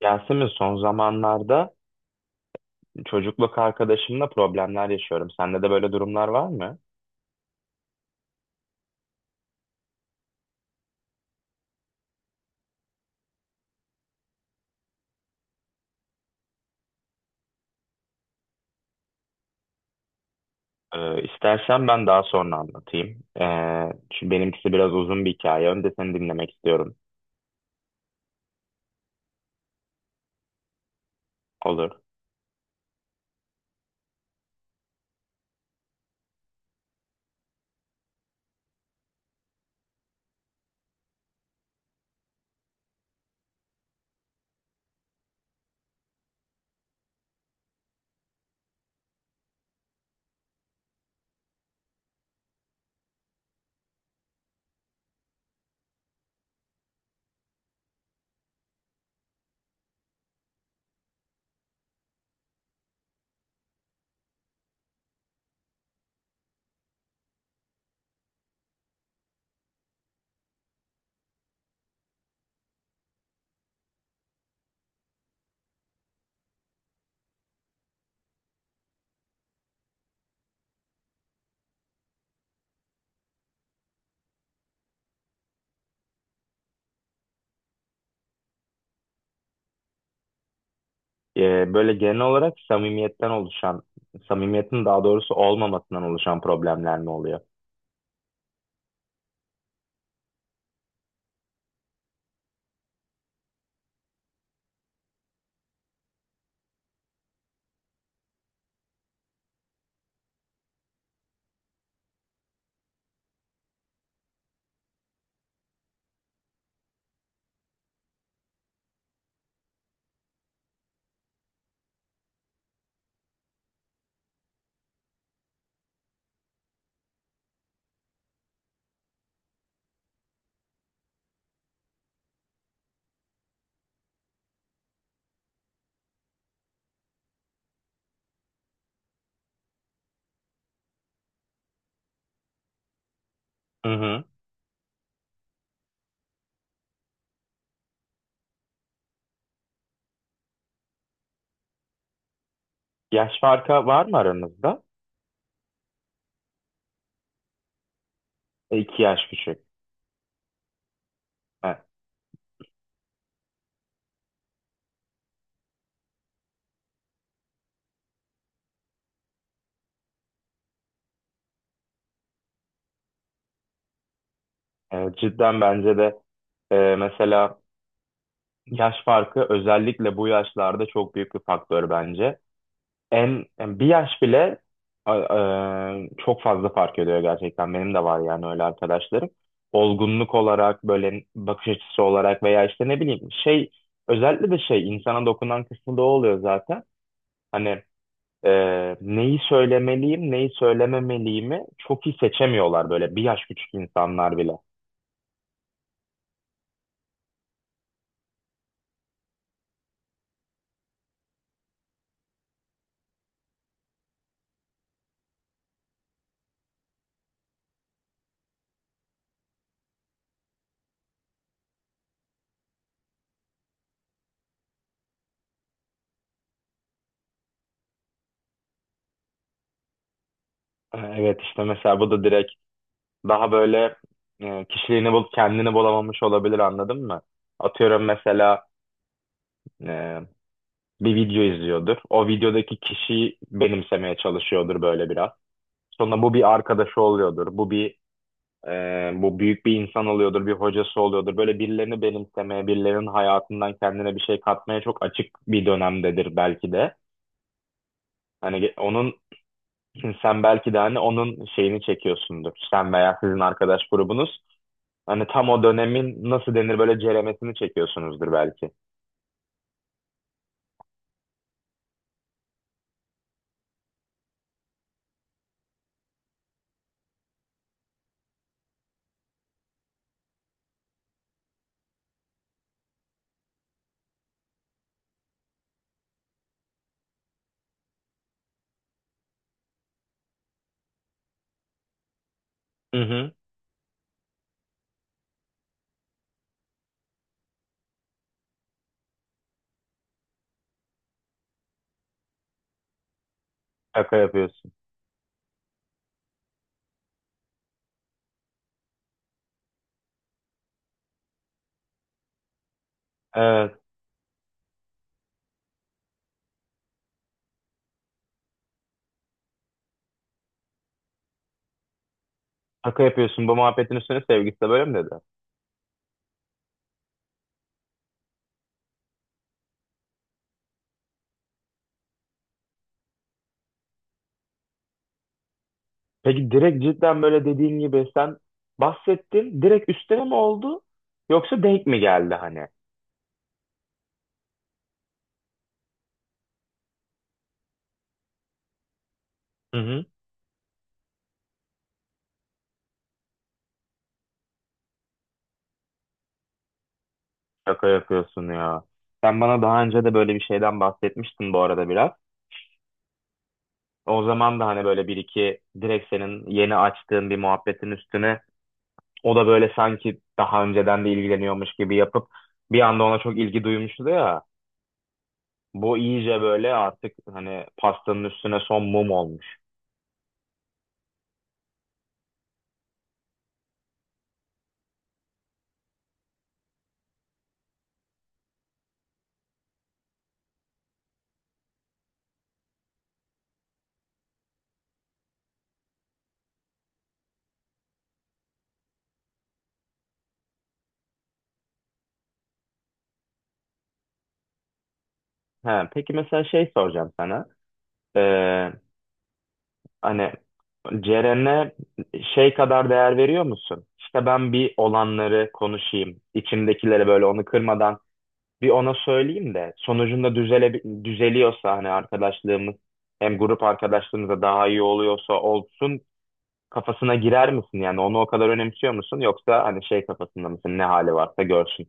Yasemin, son zamanlarda çocukluk arkadaşımla problemler yaşıyorum. Sende de böyle durumlar var mı? İstersen ben daha sonra anlatayım. Çünkü benimkisi biraz uzun bir hikaye. Önce seni dinlemek istiyorum. Olur. Böyle genel olarak samimiyetten oluşan, samimiyetin daha doğrusu olmamasından oluşan problemler mi oluyor? Hı hı. Yaş farkı var mı aranızda? E, iki yaş küçük. E, Cidden bence de, mesela yaş farkı özellikle bu yaşlarda çok büyük bir faktör bence. En yani bir yaş bile çok fazla fark ediyor gerçekten. Benim de var yani öyle arkadaşlarım. Olgunluk olarak, böyle bakış açısı olarak veya işte ne bileyim şey, özellikle de şey insana dokunan kısmı da o oluyor zaten. Hani, neyi söylemeliyim, neyi söylememeliyimi çok iyi seçemiyorlar böyle bir yaş küçük insanlar bile. E, evet, işte mesela bu da direkt daha böyle, kişiliğini bulup kendini bulamamış olabilir, anladın mı? Atıyorum, mesela, e, bir video izliyordur. O videodaki kişiyi benimsemeye çalışıyordur böyle biraz. Sonra bu bir arkadaşı oluyordur. Bu büyük bir insan oluyordur, bir hocası oluyordur. Böyle birilerini benimsemeye, birilerinin hayatından kendine bir şey katmaya çok açık bir dönemdedir belki de. Onun, sen belki de hani onun şeyini çekiyorsundur. Sen veya sizin arkadaş grubunuz hani tam o dönemin nasıl denir böyle ceremesini çekiyorsunuzdur belki. Hı hı. Şaka yapıyorsun. Evet. Şaka yapıyorsun, bu muhabbetin üstüne sevgisi de böyle mi dedi? Peki direkt cidden böyle dediğin gibi, sen bahsettin direkt üstüne mi oldu, yoksa denk mi geldi hani? Hı hı. Şaka yapıyorsun ya. Sen bana daha önce de böyle bir şeyden bahsetmiştin bu arada, biraz. O zaman da hani böyle bir iki direkt senin yeni açtığın bir muhabbetin üstüne, o da böyle sanki daha önceden de ilgileniyormuş gibi yapıp bir anda ona çok ilgi duymuştu ya. Bu iyice böyle artık hani pastanın üstüne son mum olmuş. Ha, peki mesela şey soracağım sana. Ee, Hani Ceren'e şey kadar değer veriyor musun? İşte ben bir olanları konuşayım, içimdekileri böyle onu kırmadan bir ona söyleyeyim de sonucunda düzeliyorsa hani arkadaşlığımız, hem grup arkadaşlığımız da daha iyi oluyorsa olsun kafasına girer misin? Yani onu o kadar önemsiyor musun? Yoksa hani şey kafasında mısın, ne hali varsa görsün?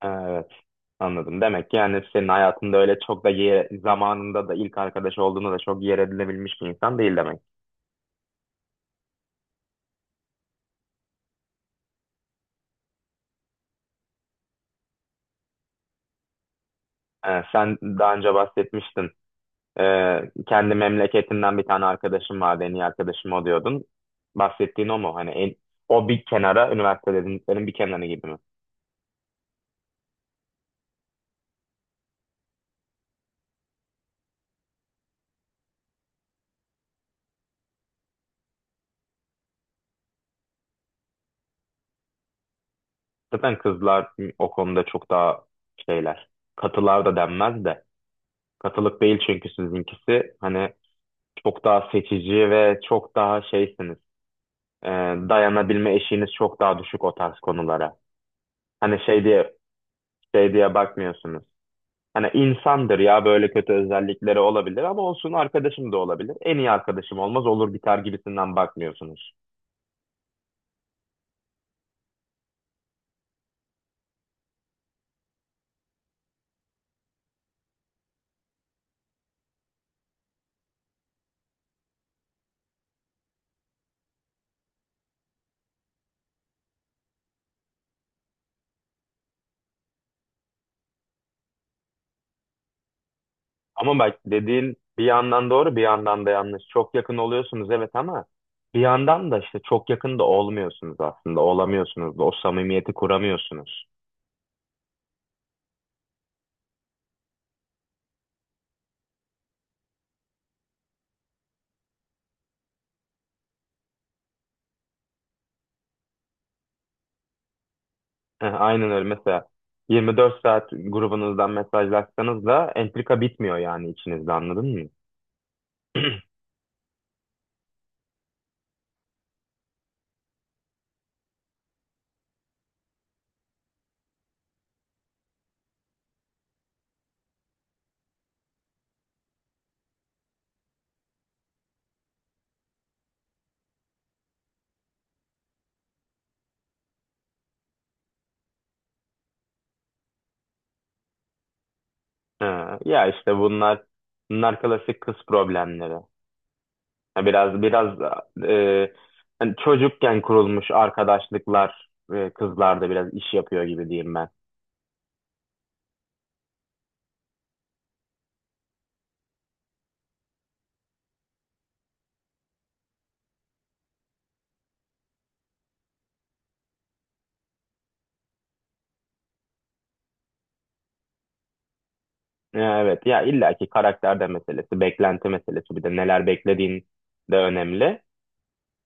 Ha, evet, anladım. Demek ki yani senin hayatında öyle çok da yer, zamanında da ilk arkadaş olduğunda da çok yer edinebilmiş bir insan değil demek. Sen daha önce bahsetmiştin. Kendi memleketinden bir tane arkadaşım vardı, en iyi arkadaşım o diyordun. Bahsettiğin o mu? O bir kenara, üniversite dediklerin bir kenarı gibi mi? Zaten kızlar o konuda çok daha şeyler. Katılar da denmez de. Katılık değil çünkü sizinkisi. Hani çok daha seçici ve çok daha şeysiniz. e, Dayanabilme eşiğiniz çok daha düşük o tarz konulara. Hani şey diye, şey diye bakmıyorsunuz. Hani insandır ya, böyle kötü özellikleri olabilir ama olsun arkadaşım da olabilir. En iyi arkadaşım olmaz, olur biter gibisinden bakmıyorsunuz. Ama bak dediğin bir yandan doğru, bir yandan da yanlış. Çok yakın oluyorsunuz evet, ama bir yandan da işte çok yakın da olmuyorsunuz aslında. Olamıyorsunuz da, o samimiyeti kuramıyorsunuz. Eh, aynen öyle. Mesela 24 saat grubunuzdan mesajlaşsanız da entrika bitmiyor yani içinizde, anladın mı? Ee, Ya işte bunlar klasik kız problemleri. Ya biraz biraz e, hani çocukken kurulmuş arkadaşlıklar, kızlarda biraz iş yapıyor gibi diyeyim ben. Evet ya, illaki karakter de meselesi, beklenti meselesi, bir de neler beklediğin de önemli.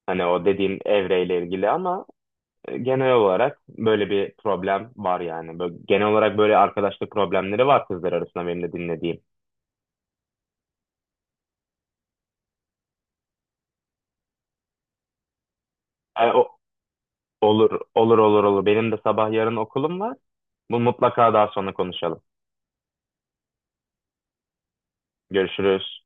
Hani o dediğim evreyle ilgili ama. E, genel olarak böyle bir problem var yani. Böyle, genel olarak böyle arkadaşlık problemleri var kızlar arasında benim de dinlediğim. E, o, olur, olur, olur, olur. Benim de sabah yarın okulum var. Bu mutlaka daha sonra konuşalım. Görüşürüz.